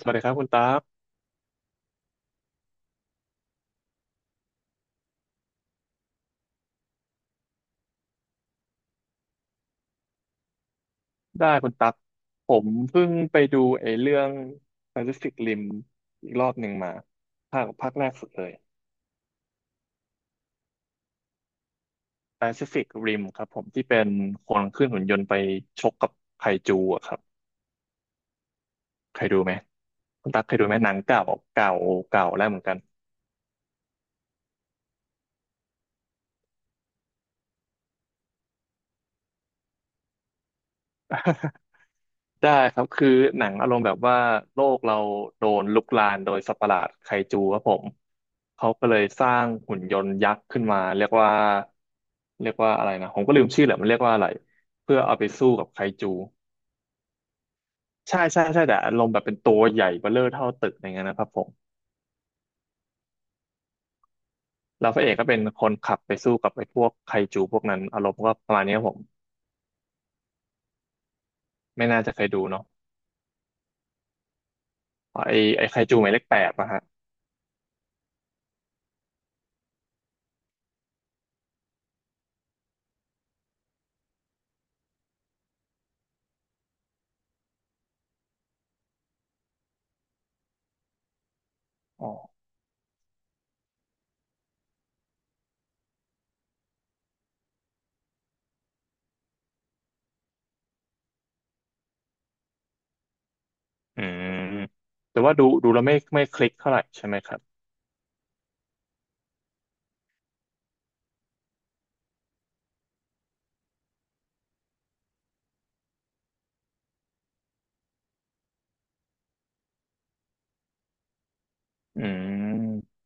สวัสดีครับคุณตั๊ก ได้คุณตั๊ก ผมเพิ่งไปดูไอ้เรื่อง Pacific Rim อีกรอบหนึ่งมาภาคแรกสุดเลย Pacific Rim ครับผมที่เป็นคนขึ้นหุ่นยนต์ไปชกกับไคจูอะครับเคยดูไหม คุณตั๊กเคยดูไหมหนังเก่าเก่าเก่าแล้วเหมือนกัน ได้ครับคือหนังอารมณ์แบบว่าโลกเราโดนลุกลานโดยสัตว์ประหลาดไคจูครับผมเขาก็เลยสร้างหุ่นยนต์ยักษ์ขึ้นมาเรียกว่าเรียกว่าอะไรนะผมก็ลืมชื่อแหละมันเรียกว่าอะไรเพื่อเอาไปสู้กับไคจูใช่ใช่ใช่แต่อารมณ์แบบเป็นตัวใหญ่เบ้อเร่อเท่าตึกอย่างเงี้ยนะครับผมแล้วพระเอกก็เป็นคนขับไปสู้กับไอ้พวกไคจูพวกนั้นอารมณ์ก็ประมาณนี้ครับผมไม่น่าจะเคยดูเนาะไอ้ไคจูหมายเลขแปดนะฮะอ๋ออืมแต่ว่าดูดูแล้วไม่คลิกเท่าไหร่ใช่ไหมครับ อืม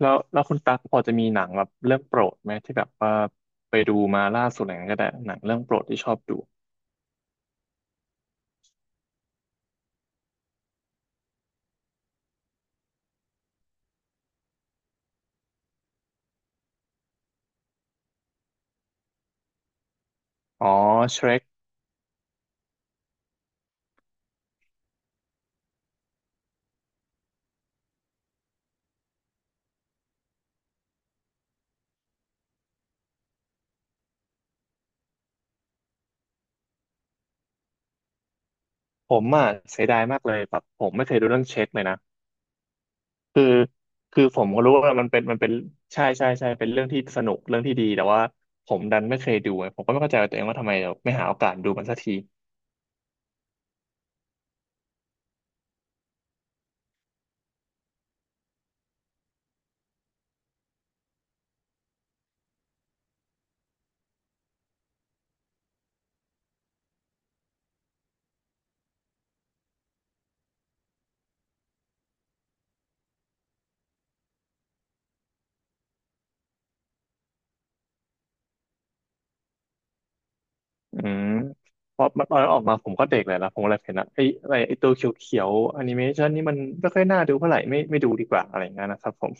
แล้วคุณตั๊กพอจะมีหนังแบบเรื่องโปรดไหมที่แบบว่าไปดูมาล่าสุดอะไรอย่างเงี้ยก็ได้หนังเรื่องโปรดที่ชอบดูอ๋อเชร e กผมอ่ะเสียดายมากเลยแบบผมไม่เคยดูเรื่องเชร e กเลยนะคือคือผมก็รู้ว่ามันเป็นใช่ใช่ใช่เป็นเรื่องที่สนุกเรื่องที่ดีแต่ว่าผมดันไม่เคยดูไงผมก็ไม่เข้าใจตัวเองว่าทำไมเราไม่หาโอกาสดูมันสักทีอืมเพราะมันตอนนั้นออกมาผมก็เด็กเลยนะผมเลยเห็นนะไอ้อะไรไอ้ตัวเขียวๆแอนิเมชันนี่มันไม่ค่อยน่าดูเท่าไหร่ไม่ดูดีกว่าอะไรอย่างเงี้ยนะครับผม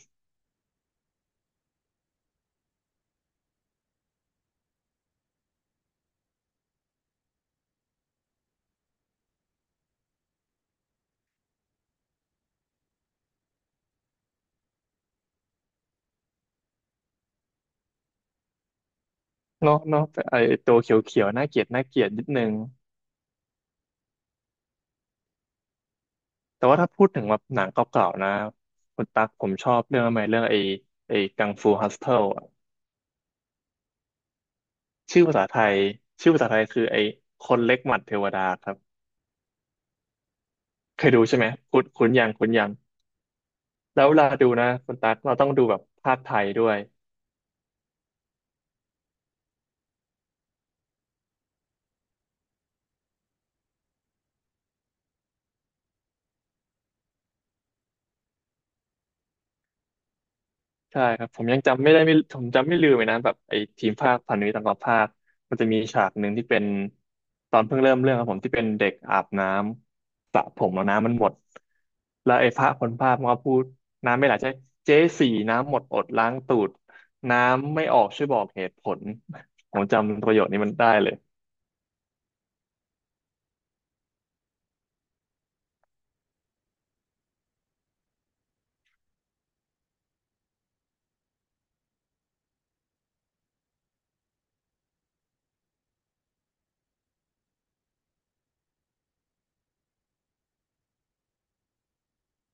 เนาะเนาะแต่ไอตัวเขียวๆน่าเกลียดน่าเกลียดนิดนึงแต่ว่าถ้าพูดถึงแบบหนังเก่าๆนะคุณตั๊กผมชอบเรื่องอะไรเรื่องไอกังฟูฮัสเทิลอะชื่อภาษาไทยชื่อภาษาไทยคือไอคนเล็กหมัดเทวดาครับเคยดูใช่ไหมคุ้นคุ้นยังคุ้นยังแล้วเวลาดูนะคุณตั๊กเราต้องดูแบบภาคไทยด้วย ใช่ครับผมยังจำไม่ได้ไม่ผมจำไม่ลืมเลยนะแบบไอ้ทีมภาคพันธมิตรต่างกับภาคมันจะมีฉากหนึ่งที่เป็นตอนเพิ่งเริ่มเรื่องครับผมที่เป็นเด็กอาบน้ำสระผมแล้วน้ำมันหมดแล้วไอ้พระคนภาคมันก็พูดน้ำไม่ไหลใช่เจ๊สี่น้ำหมดอดล้างตูดน้ำไม่ออกช่วยบอกเหตุผลผมจำประโยคนี้มันได้เลย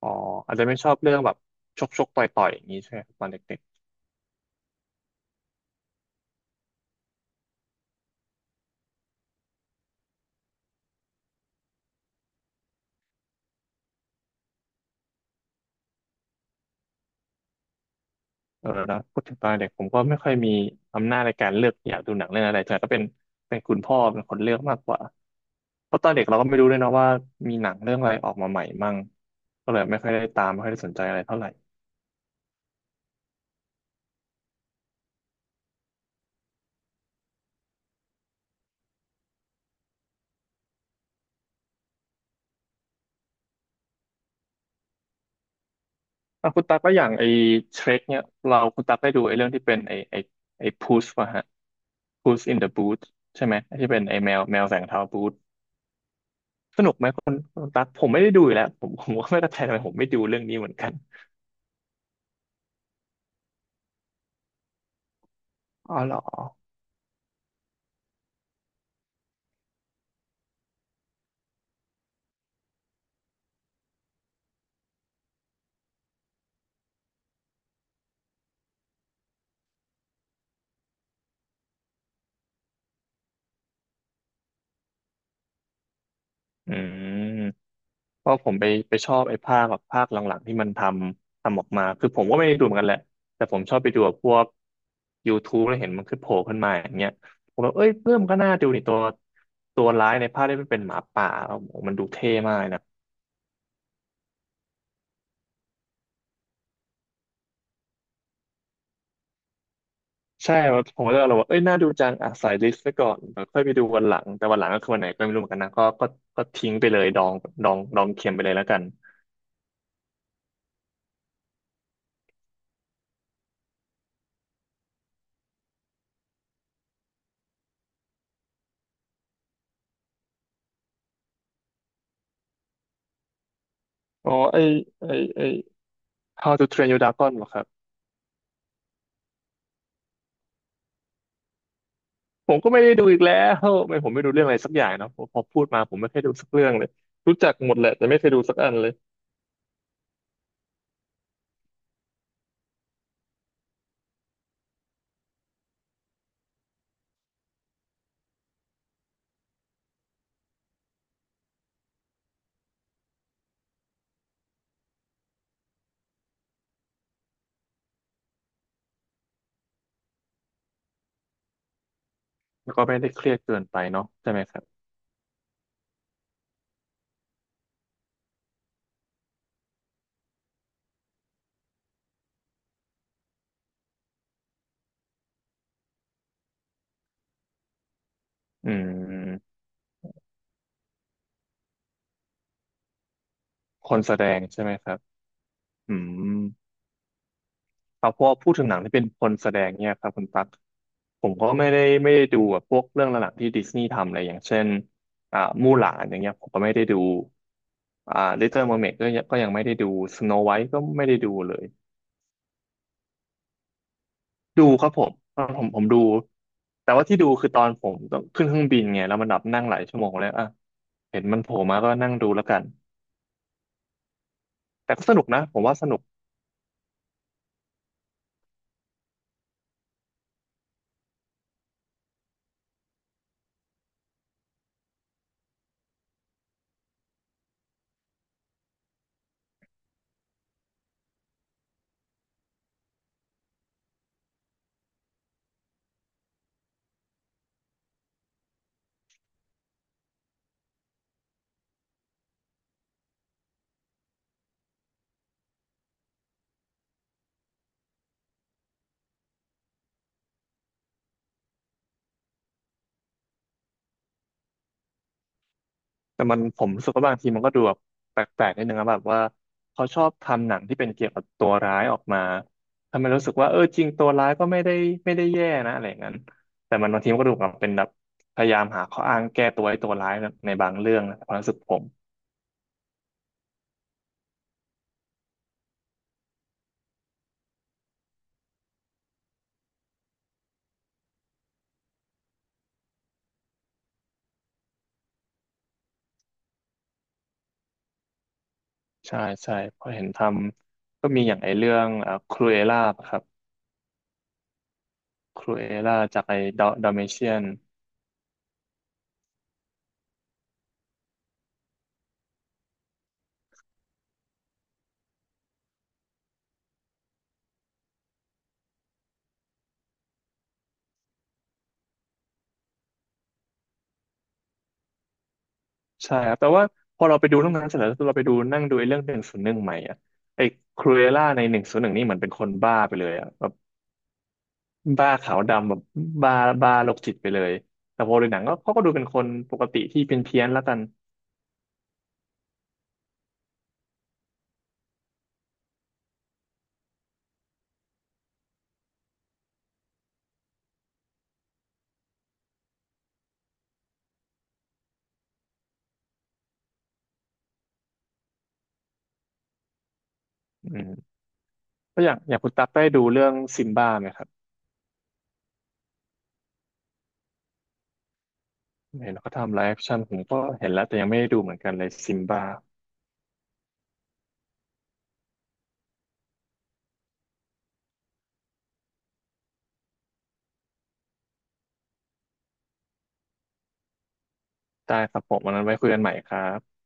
อ๋ออาจจะไม่ชอบเรื่องแบบชกชกต่อยต่อยอย่างนี้ใช่ไหมครับตอนเด็ก เออแล้วพูดถึงตอนเด็กผมก็ไม่ค่อยมีอำนาจในการเลือกอยากดูหนังเรื่องอะไรแต่ก็เป็นเป็นคุณพ่อเป็นคนเลือกมากกว่าเพราะตอนเด็กเราก็ไม่รู้ด้วยเนาะว่ามีหนังเรื่องอะไรออกมาใหม่มั่งก็เลยไม่ค่อยได้ตามไม่ค่อยได้สนใจอะไรเท่าไหร่อ่ะคุณตั๊กก็อย่างไอ้เทรคเนี่ยเราคุณตั๊กได้ดูไอ้เรื่องที่เป็นไอ้พูสป่ะฮะพูสอินเดอะบูธใช่ไหมไอ้ที่เป็นไอ้แมวแมวแสงเทาบูธสนุกไหมคุณคุณตั๊กผมไม่ได้ดูอยู่แล้วผมผมก็ไม่เข้าใจทำไมผมไม่ดูเรื่องนี้เหมือนกันอ๋อเหรออืม เพราะผมไปชอบไอ้ภาคแบบภาคหลังๆที่มันทำออกมาคือผมก็ไม่ได้ดูเหมือนกันแหละ แต่ผมชอบไปดูกับพวก YouTube แล้วเห็นมันขึ้นโผล่ขึ้นมาอย่างเงี้ยผมแบบเอ้ยเริ่มก็น่าดูนี่ตัวร้ายในภาคได้เป็นหมาป่าแล้วโอ้โหมันดูเท่มากเลยนะใช่ครับผมก็เลยเราว่าเอ้ยน่าดูจังอ่ะใส่ลิสต์ไว้ก่อนเดี๋ยวค่อยไปดูวันหลังแต่วันหลังก็คือวันไหนก็ไม่รู้เหมือนกันนะก็ทิ้งไปเลยดองดองดองเข็มไปเลยแล้วกันอ๋อไอ้ How to Train Your Dragon เหรอครับ ผมก็ไม่ได้ดูอีกแล้วไม่ผมไม่ดูเรื่องอะไรสักอย่างเนาะพอพูดมาผมไม่เคยดูสักเรื่องเลยรู้จักหมดแหละแต่ไม่เคยดูสักอันเลยแล้วก็ไม่ได้เครียดเกินไปเนาะใช่ไหมครับอืมคนแสดงใช่ไหมครับอืมเอาพอพูดถึงหนังที่เป็นคนแสดงเนี่ยครับคุณตั๊กผมก็ไม่ได้ไม่ได้ดูแบบพวกเรื่องหลักๆที่ดิสนีย์ทำอะไรอย่างเช่นอ่ามู่หลานอย่างเงี้ยผมก็ไม่ได้ดูอ่าลิตเติ้ลเมอร์เมก็ยังก็ยังไม่ได้ดูสโนไวท์ก็ไม่ได้ดูเลย ดูครับผมตอนผมดูแต่ว่าที่ดูคือตอนผมต้องขึ้นเครื่องบินไงแล้วมันแบบนั่งหลายชั่วโมงแล้วอ่ะเห็นมันโผล่มาก็นั่งดูแล้วกันแต่ก็สนุกนะผมว่าสนุกแต่มันผมรู้สึกว่าบางทีมันก็ดูแบบแปลกๆนิดนึงนะแบบว่าเขาชอบทำหนังที่เป็นเกี่ยวกับตัวร้ายออกมาทำให้รู้สึกว่าเออจริงตัวร้ายก็ไม่ได้แย่นะอะไรอย่างนั้นแต่มันบางทีมันก็ดูแบบเป็นแบบพยายามหาข้ออ้างแก้ตัวให้ตัวร้ายในบางเรื่องนะความรู้สึกผม ใช่ใช่เพราะเห็นทำก็มีอย่างไอเรื่องครูเอล่าครับครูเอล่าจากไอดอดอเมเชียนใช่ครับแต่ว่าพอเราไปดูตรองนั้นเสร็จแล้วเราไปดูนั่งดูไอเรื่องหนึ่งศูนย์หนึ่งใหม่อ่ะไอครูเอล่าในหนึ่งศูนย์หนึ่งนี่เหมือนเป็นคนบ้าไปเลยอ่ะแบบบ้าขาวดำแบบบ้าบ้าโรคจิตไปเลยแต่พอดนหนังก็เขาก็ดูเป็นคนปกติที่เพี้ยนๆแล้วกันอืมก็อย่างคุณตั๊กได้ดูเรื่องซิมบ้าไหมครับเห็นเขาทำไลฟ์แอคชั่นผมก็เห็นแล้วแต่ยังไม่ได้ดูเหมือนกันเลยซิมบ้า ได้ครับผมวันนั้นไว้คุยกันใหม่ครับ